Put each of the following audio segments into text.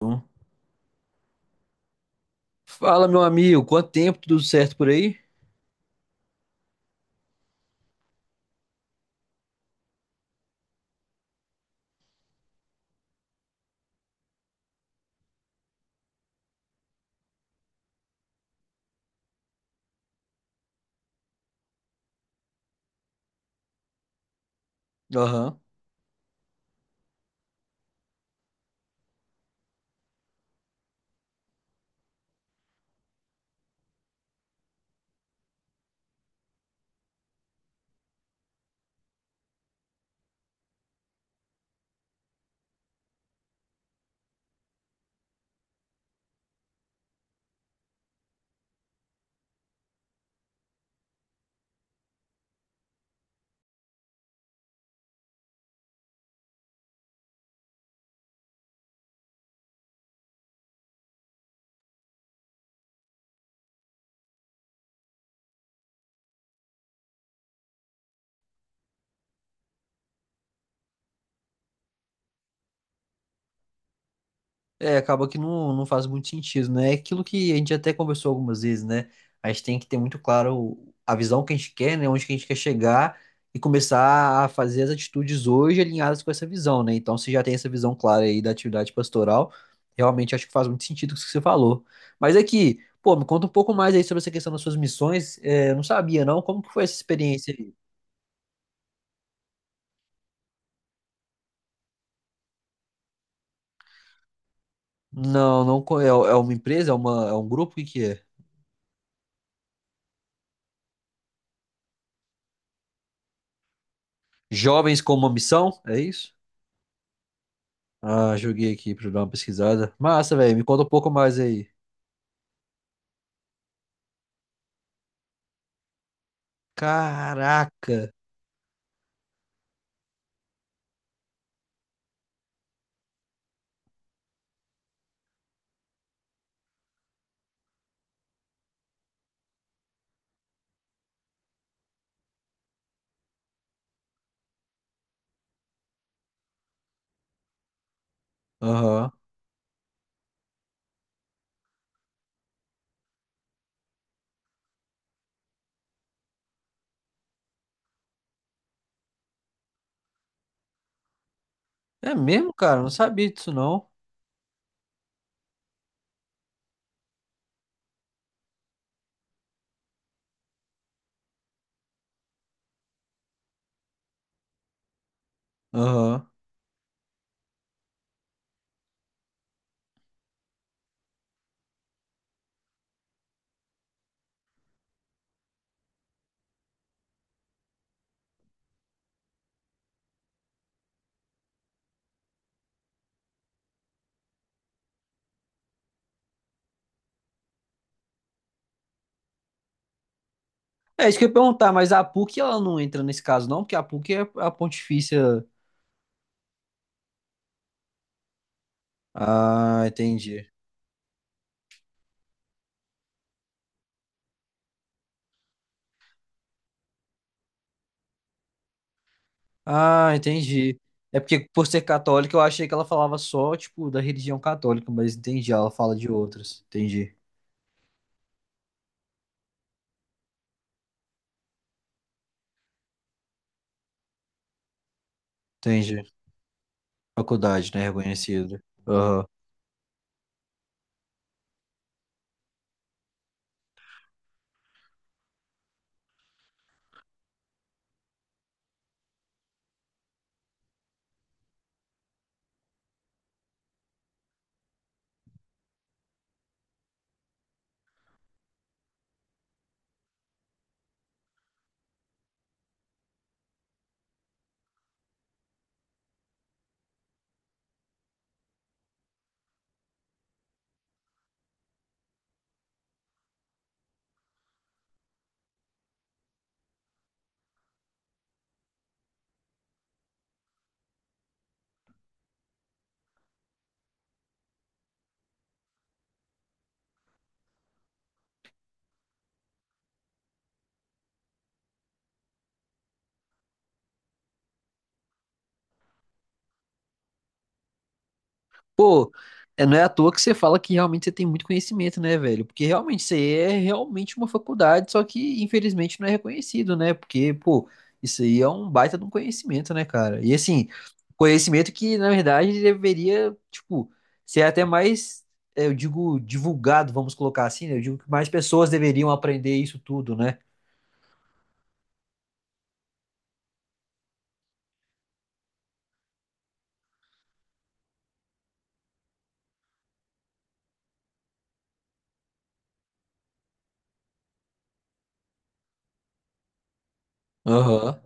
Bom. Fala, meu amigo, quanto tempo, tudo certo por aí? Aham. É, acaba que não faz muito sentido, né? É aquilo que a gente até conversou algumas vezes, né? A gente tem que ter muito claro a visão que a gente quer, né? Onde que a gente quer chegar e começar a fazer as atitudes hoje alinhadas com essa visão, né? Então, se já tem essa visão clara aí da atividade pastoral, realmente acho que faz muito sentido isso que você falou. Mas aqui, pô, me conta um pouco mais aí sobre essa questão das suas missões. É, eu não sabia, não. Como que foi essa experiência aí? Não, não. É, é uma empresa? É um grupo? O que é? Jovens com uma missão? É isso? Ah, joguei aqui pra dar uma pesquisada. Massa, velho. Me conta um pouco mais aí. Caraca. Aham. É mesmo, cara? Não sabia disso, não. Aham. É isso que eu ia perguntar, mas a PUC ela não entra nesse caso, não? Porque a PUC é a Pontifícia. Ah, entendi. Ah, entendi. É porque por ser católica eu achei que ela falava só, tipo, da religião católica, mas entendi, ela fala de outras. Entendi. Entendi. Faculdade, né? Reconhecido. Aham. Pô, é, não é à toa que você fala que realmente você tem muito conhecimento, né, velho? Porque realmente você é realmente uma faculdade, só que infelizmente não é reconhecido, né? Porque, pô, isso aí é um baita de um conhecimento, né, cara? E assim, conhecimento que, na verdade, deveria, tipo, ser até mais, é, eu digo, divulgado, vamos colocar assim, né? Eu digo que mais pessoas deveriam aprender isso tudo, né? Aham.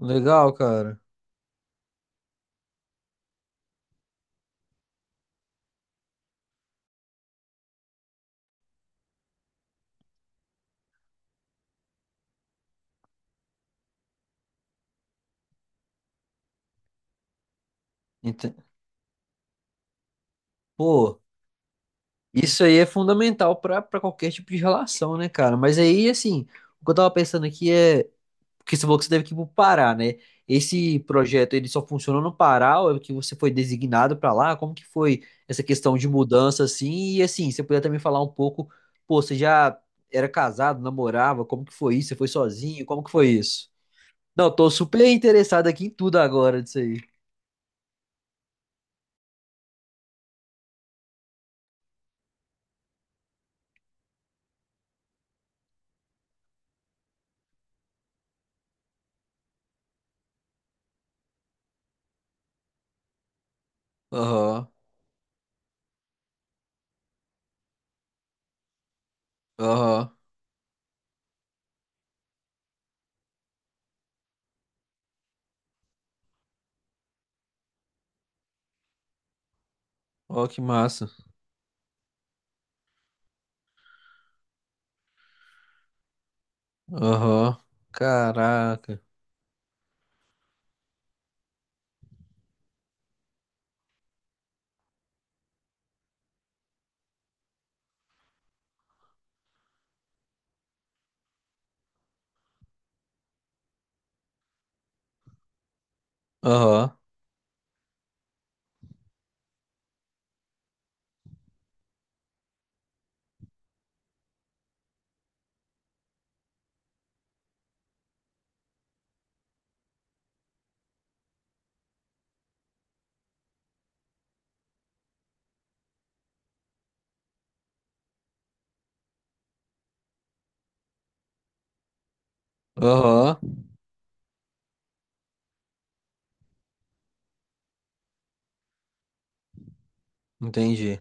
Legal, cara. Ente- Pô. Isso aí é fundamental para qualquer tipo de relação, né, cara? Mas aí, assim, o que eu tava pensando aqui é, porque você falou que você deve ir pro Pará, né? Esse projeto, ele só funcionou no Pará ou é que você foi designado para lá? Como que foi essa questão de mudança, assim? E, assim, você podia também falar um pouco, pô, você já era casado, namorava, como que foi isso? Você foi sozinho? Como que foi isso? Não, tô super interessado aqui em tudo agora disso aí. Aham, aham. Ó, que massa. Aham. Caraca. Aham. Aham, entendi.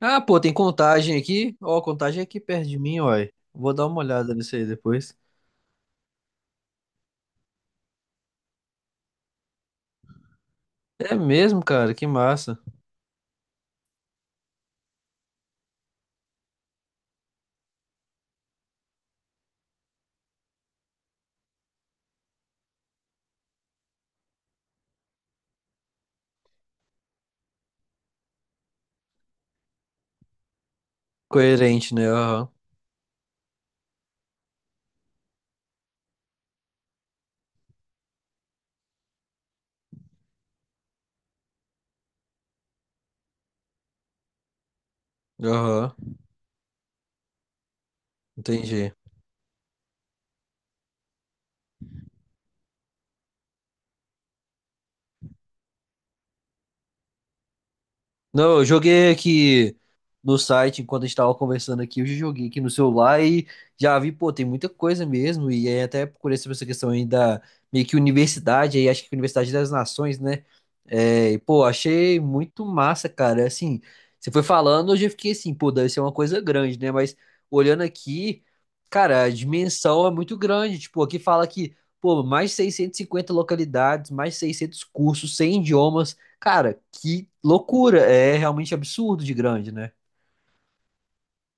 Ah, pô, tem contagem aqui. Ó, a contagem é aqui perto de mim, uai. Vou dar uma olhada nisso aí depois. É mesmo, cara, que massa. Coerente, né? Aham, aham, entendi. Não, eu joguei aqui no site enquanto a gente tava conversando aqui, eu já joguei aqui no celular e já vi, pô, tem muita coisa mesmo. E aí até procurei sobre essa questão aí da meio que universidade, aí acho que Universidade das Nações, né? É, e, pô, achei muito massa, cara. Assim, você foi falando, eu já fiquei assim, pô, deve ser uma coisa grande, né? Mas olhando aqui, cara, a dimensão é muito grande. Tipo, aqui fala que, pô, mais de 650 localidades, mais de 600 cursos, 100 idiomas. Cara, que loucura. É realmente absurdo de grande, né?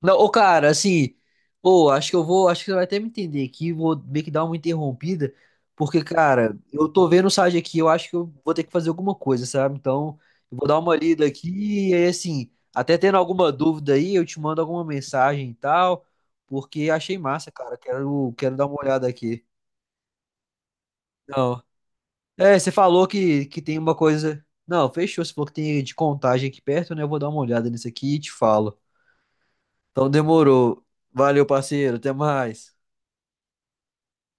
Não, ô, cara, assim, ô, acho que eu vou, acho que você vai até me entender aqui, vou meio que dar uma interrompida, porque, cara, eu tô vendo o site aqui, eu acho que eu vou ter que fazer alguma coisa, sabe? Então, eu vou dar uma lida aqui, e aí, assim, até tendo alguma dúvida aí, eu te mando alguma mensagem e tal, porque achei massa, cara, quero dar uma olhada aqui. Não. É, você falou que tem uma coisa. Não, fechou. Você falou que tem de contagem aqui perto, né? Eu vou dar uma olhada nisso aqui e te falo. Então demorou. Valeu, parceiro. Até mais.